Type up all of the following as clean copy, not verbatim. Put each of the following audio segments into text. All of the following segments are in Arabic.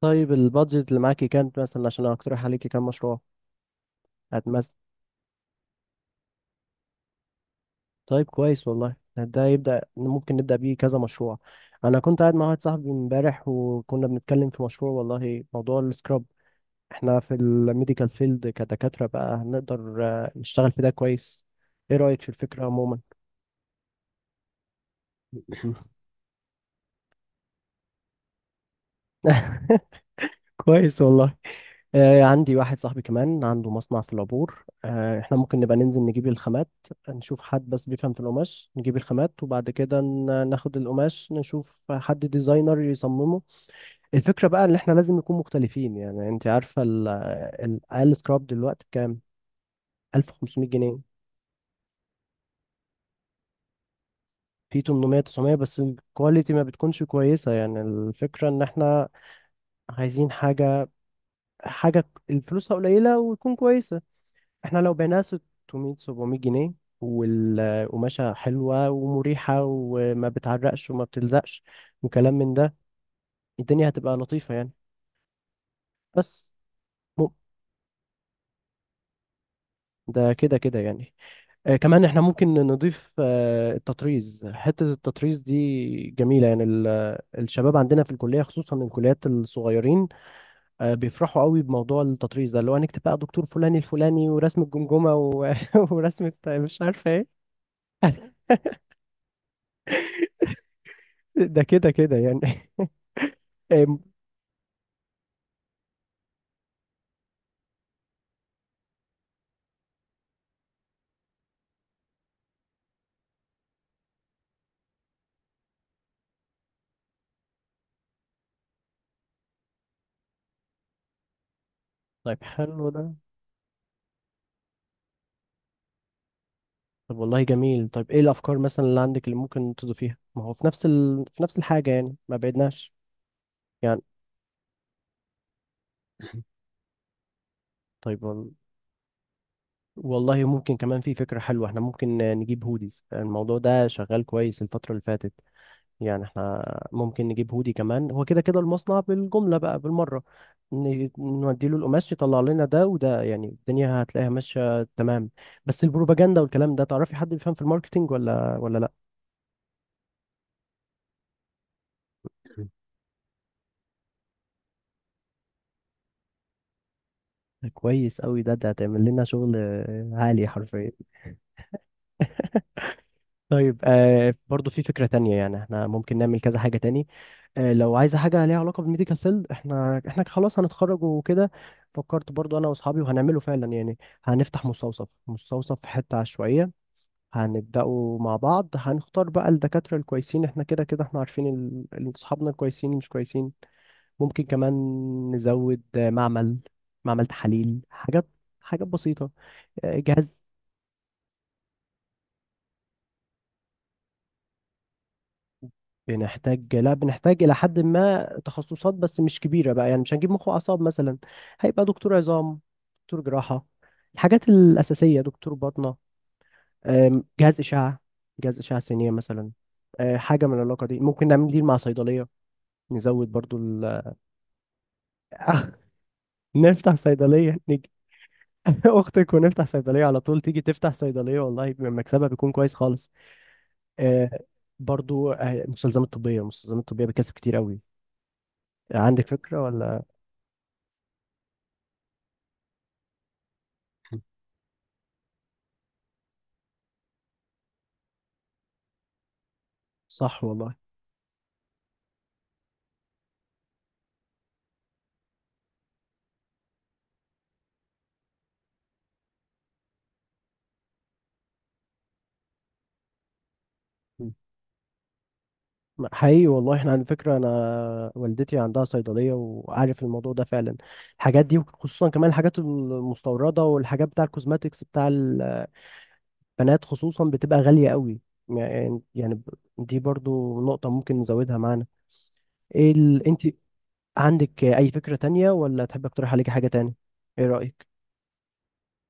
طيب البادجت اللي معاكي كانت مثلا عشان اقترح عليكي كام مشروع هتمثل. طيب كويس والله، ده يبدأ ممكن نبدأ بيه كذا مشروع. انا كنت قاعد مع واحد صاحبي امبارح وكنا بنتكلم في مشروع والله، موضوع السكراب. احنا في الميديكال فيلد كدكاترة بقى هنقدر نشتغل في ده كويس. ايه رأيك في الفكرة عموما؟ كويس والله. عندي واحد صاحبي كمان عنده مصنع في العبور، احنا ممكن نبقى ننزل نجيب الخامات. نشوف حد بس بيفهم في القماش نجيب الخامات وبعد كده ناخد القماش نشوف حد ديزاينر يصممه. الفكرة بقى ان احنا لازم نكون مختلفين، يعني انت عارفة الاقل سكراب دلوقتي بكام؟ 1500 جنيه. في 800 900 بس الكواليتي ما بتكونش كويسة، يعني الفكرة ان احنا عايزين حاجة، حاجة الفلوسها قليلة وتكون كويسة. احنا لو بعناها 600 700 جنيه والقماشة حلوة ومريحة وما بتعرقش وما بتلزقش وكلام من ده، الدنيا هتبقى لطيفة يعني. بس م- ده كده كده يعني. آه كمان احنا ممكن نضيف التطريز، حتة التطريز دي جميلة يعني الشباب عندنا في الكلية خصوصا الكليات الصغيرين بيفرحوا قوي بموضوع التطريز ده، اللي هو هنكتب بقى دكتور فلاني الفلاني ورسم الجمجمة ورسمة مش عارفة ايه. ده كده كده يعني. إيه، طيب حلو ده. طب والله جميل. طيب ايه الافكار مثلا اللي عندك اللي ممكن تضيفيها، ما هو في نفس في نفس الحاجه يعني، ما بعدناش يعني. طيب والله ممكن كمان في فكره حلوه، احنا ممكن نجيب هوديز. الموضوع ده شغال كويس الفتره اللي فاتت، يعني احنا ممكن نجيب هودي كمان. هو كده كده المصنع بالجمله بقى بالمره، نودي له القماش يطلع لنا ده وده، يعني الدنيا هتلاقيها ماشيه تمام. بس البروباجندا والكلام ده، تعرفي حد بيفهم في الماركتينج ولا لا؟ كويس قوي ده، ده هتعمل لنا شغل عالي حرفيا. طيب برضو في فكرة تانية، يعني احنا ممكن نعمل كذا حاجة تاني. آه لو عايزة حاجة ليها علاقة بالميديكال فيلد، احنا خلاص هنتخرج وكده. فكرت برضو انا واصحابي وهنعمله فعلا يعني، هنفتح مستوصف، في حتة عشوائية. هنبدأه مع بعض، هنختار بقى الدكاترة الكويسين. احنا كده كده احنا عارفين اصحابنا الكويسين مش كويسين. ممكن كمان نزود معمل، تحاليل، حاجات، حاجات بسيطة، جهاز. بنحتاج، لا بنحتاج إلى حد ما تخصصات، بس مش كبيرة بقى. يعني مش هنجيب مخ وأعصاب مثلا. هيبقى دكتور عظام، دكتور جراحة، الحاجات الأساسية، دكتور باطنة، جهاز إشعة، جهاز إشعة سينية مثلا. حاجة من العلاقة دي ممكن نعمل دي مع صيدلية. نزود برضو ال... أخ، نفتح صيدلية، نيجي أختك ونفتح صيدلية على طول، تيجي تفتح صيدلية والله مكسبها بيكون كويس خالص. آه، برضو المستلزمات الطبية، بتكسب كتير قوي. عندك فكرة ولا؟ صح والله. مم. حقيقي والله، احنا على فكرة انا والدتي عندها صيدلية وعارف الموضوع ده فعلا. الحاجات دي وخصوصا كمان الحاجات المستوردة والحاجات بتاع الكوزماتيكس بتاع البنات، خصوصا بتبقى غالية قوي. يعني دي برضو نقطة ممكن نزودها معانا. ايه انت عندك اي فكرة تانية ولا تحب اقترح عليك حاجة تانية؟ ايه رأيك؟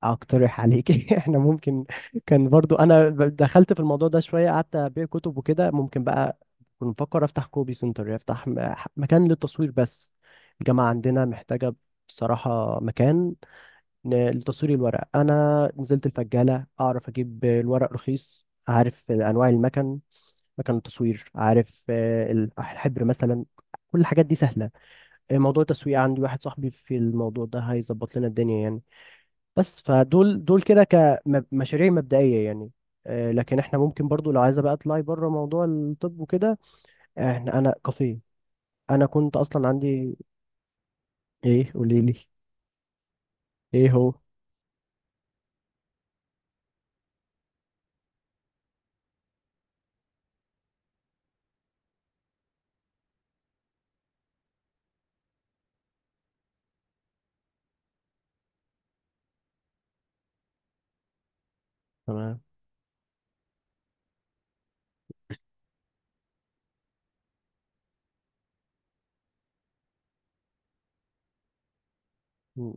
اقترح عليك؟ احنا ممكن، كان برضو انا دخلت في الموضوع ده شويه، قعدت ابيع كتب وكده ممكن بقى. كنت بفكر افتح كوبي سنتر، افتح مكان للتصوير بس، الجامعه عندنا محتاجه بصراحه مكان لتصوير الورق. انا نزلت الفجاله اعرف اجيب الورق رخيص، عارف انواع المكن، مكن التصوير، عارف الحبر مثلا. كل الحاجات دي سهله. موضوع التسويق عندي واحد صاحبي في الموضوع ده هيظبط لنا الدنيا يعني. بس فدول كده كمشاريع مبدئية يعني. لكن احنا ممكن برضو لو عايزة بقى اطلعي بره موضوع الطب وكده. احنا، انا كافيه، انا كنت اصلا عندي. ايه قولي لي، ايه هو؟ تمام. م-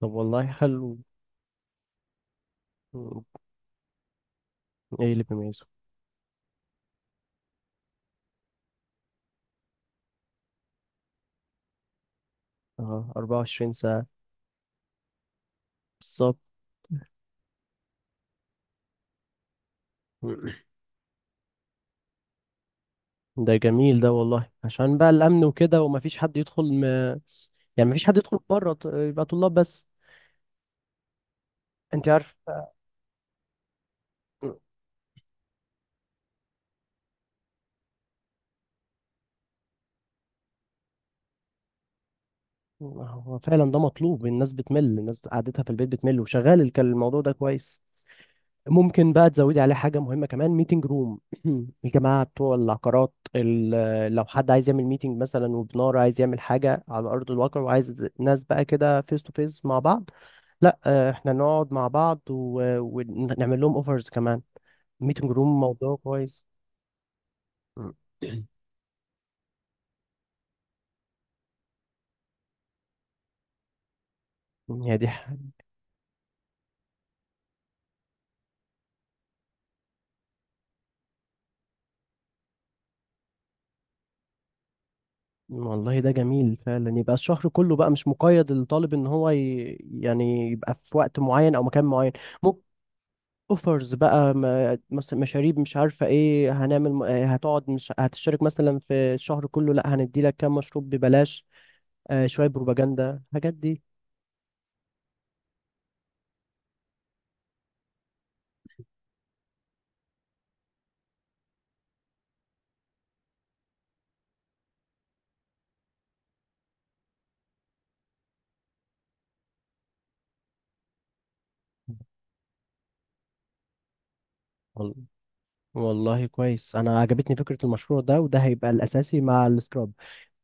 طب والله حلو. م- ايه اللي بيميزه؟ اه، 24 ساعة. بالظبط. م- ده جميل ده والله، عشان بقى الامن وكده ومفيش حد يدخل يعني مفيش حد يدخل بره، يبقى طلاب بس. انت عارف، هو فعلا ده مطلوب. الناس بتمل، الناس قعدتها في البيت بتمل، وشغال الموضوع ده كويس. ممكن بقى تزودي عليه حاجة مهمة كمان، ميتنج روم. الجماعة بتوع العقارات لو حد عايز يعمل ميتنج مثلا، وبنار عايز يعمل حاجة على أرض الواقع وعايز ناس بقى كده فيس تو فيس مع بعض. لا احنا نقعد مع بعض ونعمل لهم اوفرز كمان. ميتنج روم موضوع كويس. هي دي. والله ده جميل فعلا، يبقى الشهر كله بقى مش مقيد للطالب ان هو يعني يبقى في وقت معين او مكان معين. ممكن اوفرز بقى، مشاريب مش عارفه ايه، هنعمل هتقعد مش هتشترك مثلا في الشهر كله، لا هندي لك كام مشروب ببلاش. آه شويه بروباجندا الحاجات دي. وال- والله كويس، انا عجبتني فكره المشروع ده، وده هيبقى الاساسي مع السكراب.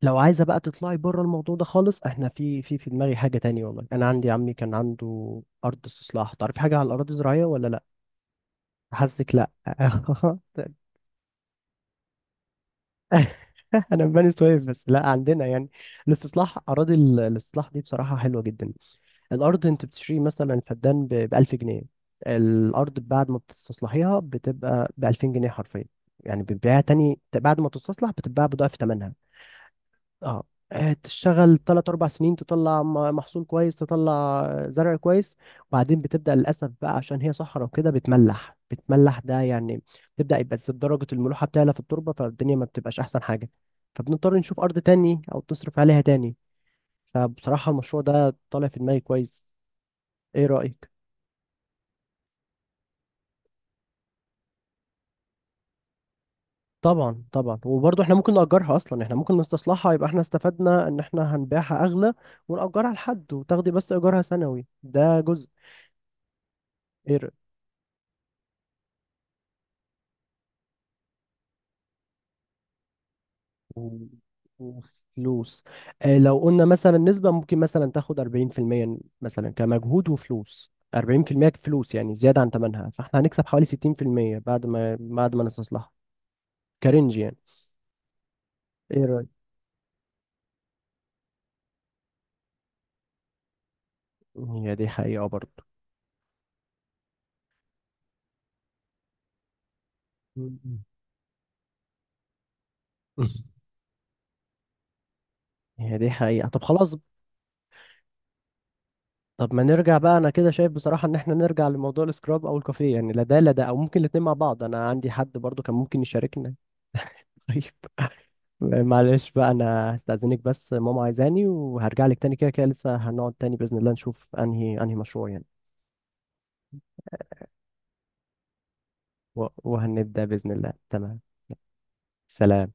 لو عايزه بقى تطلعي بره الموضوع ده خالص، احنا في دماغي حاجه تانية. والله انا عندي عمي كان عنده ارض استصلاح. تعرفي حاجه على الاراضي الزراعيه ولا لا؟ حاسك لا. انا من بني سويف. بس لا عندنا يعني الاستصلاح، اراضي الاستصلاح دي بصراحه حلوه جدا. الارض انت بتشتري مثلا فدان ب 1000 جنيه، الارض بعد ما بتستصلحيها بتبقى ب 2000 جنيه حرفيا. يعني بتبيعها تاني بعد ما تستصلح بتتباع بضعف ثمنها. اه. تشتغل تلات أربع سنين تطلع محصول كويس، تطلع زرع كويس. وبعدين بتبدأ للأسف بقى، عشان هي صحراء وكده بتملح، بتملح ده يعني، بتبدأ يبقى درجة الملوحة بتعلى في التربة، فالدنيا ما بتبقاش أحسن حاجة. فبنضطر نشوف أرض تاني أو تصرف عليها تاني. فبصراحة المشروع ده طالع في دماغي كويس. إيه رأيك؟ طبعا طبعا، وبرضه احنا ممكن نأجرها. أصلا احنا ممكن نستصلحها يبقى احنا استفدنا إن احنا هنبيعها أغلى، ونأجرها لحد وتاخدي بس إيجارها سنوي ده جزء. ايه؟ و- وفلوس. لو قلنا مثلا نسبة ممكن مثلا تاخد 40% مثلا كمجهود، وفلوس 40% فلوس يعني زيادة عن تمنها، فاحنا هنكسب حوالي 60% بعد ما نستصلحها. كرنج يعني. ايه رأيك؟ هي دي حقيقة برضه. مم. هي دي حقيقة، طب خلاص. طب ما نرجع بقى، انا كده شايف بصراحة ان احنا نرجع لموضوع السكراب او الكافيه، يعني لا ده لا ده، او ممكن الاتنين مع بعض. انا عندي حد برضه كان ممكن يشاركنا. طيب، معلش بقى انا هستأذنك بس ماما عايزاني، وهرجع لك تاني، كده كده لسه هنقعد تاني بإذن الله نشوف انهي مشروع يعني. وهنبدأ بإذن الله. تمام. سلام.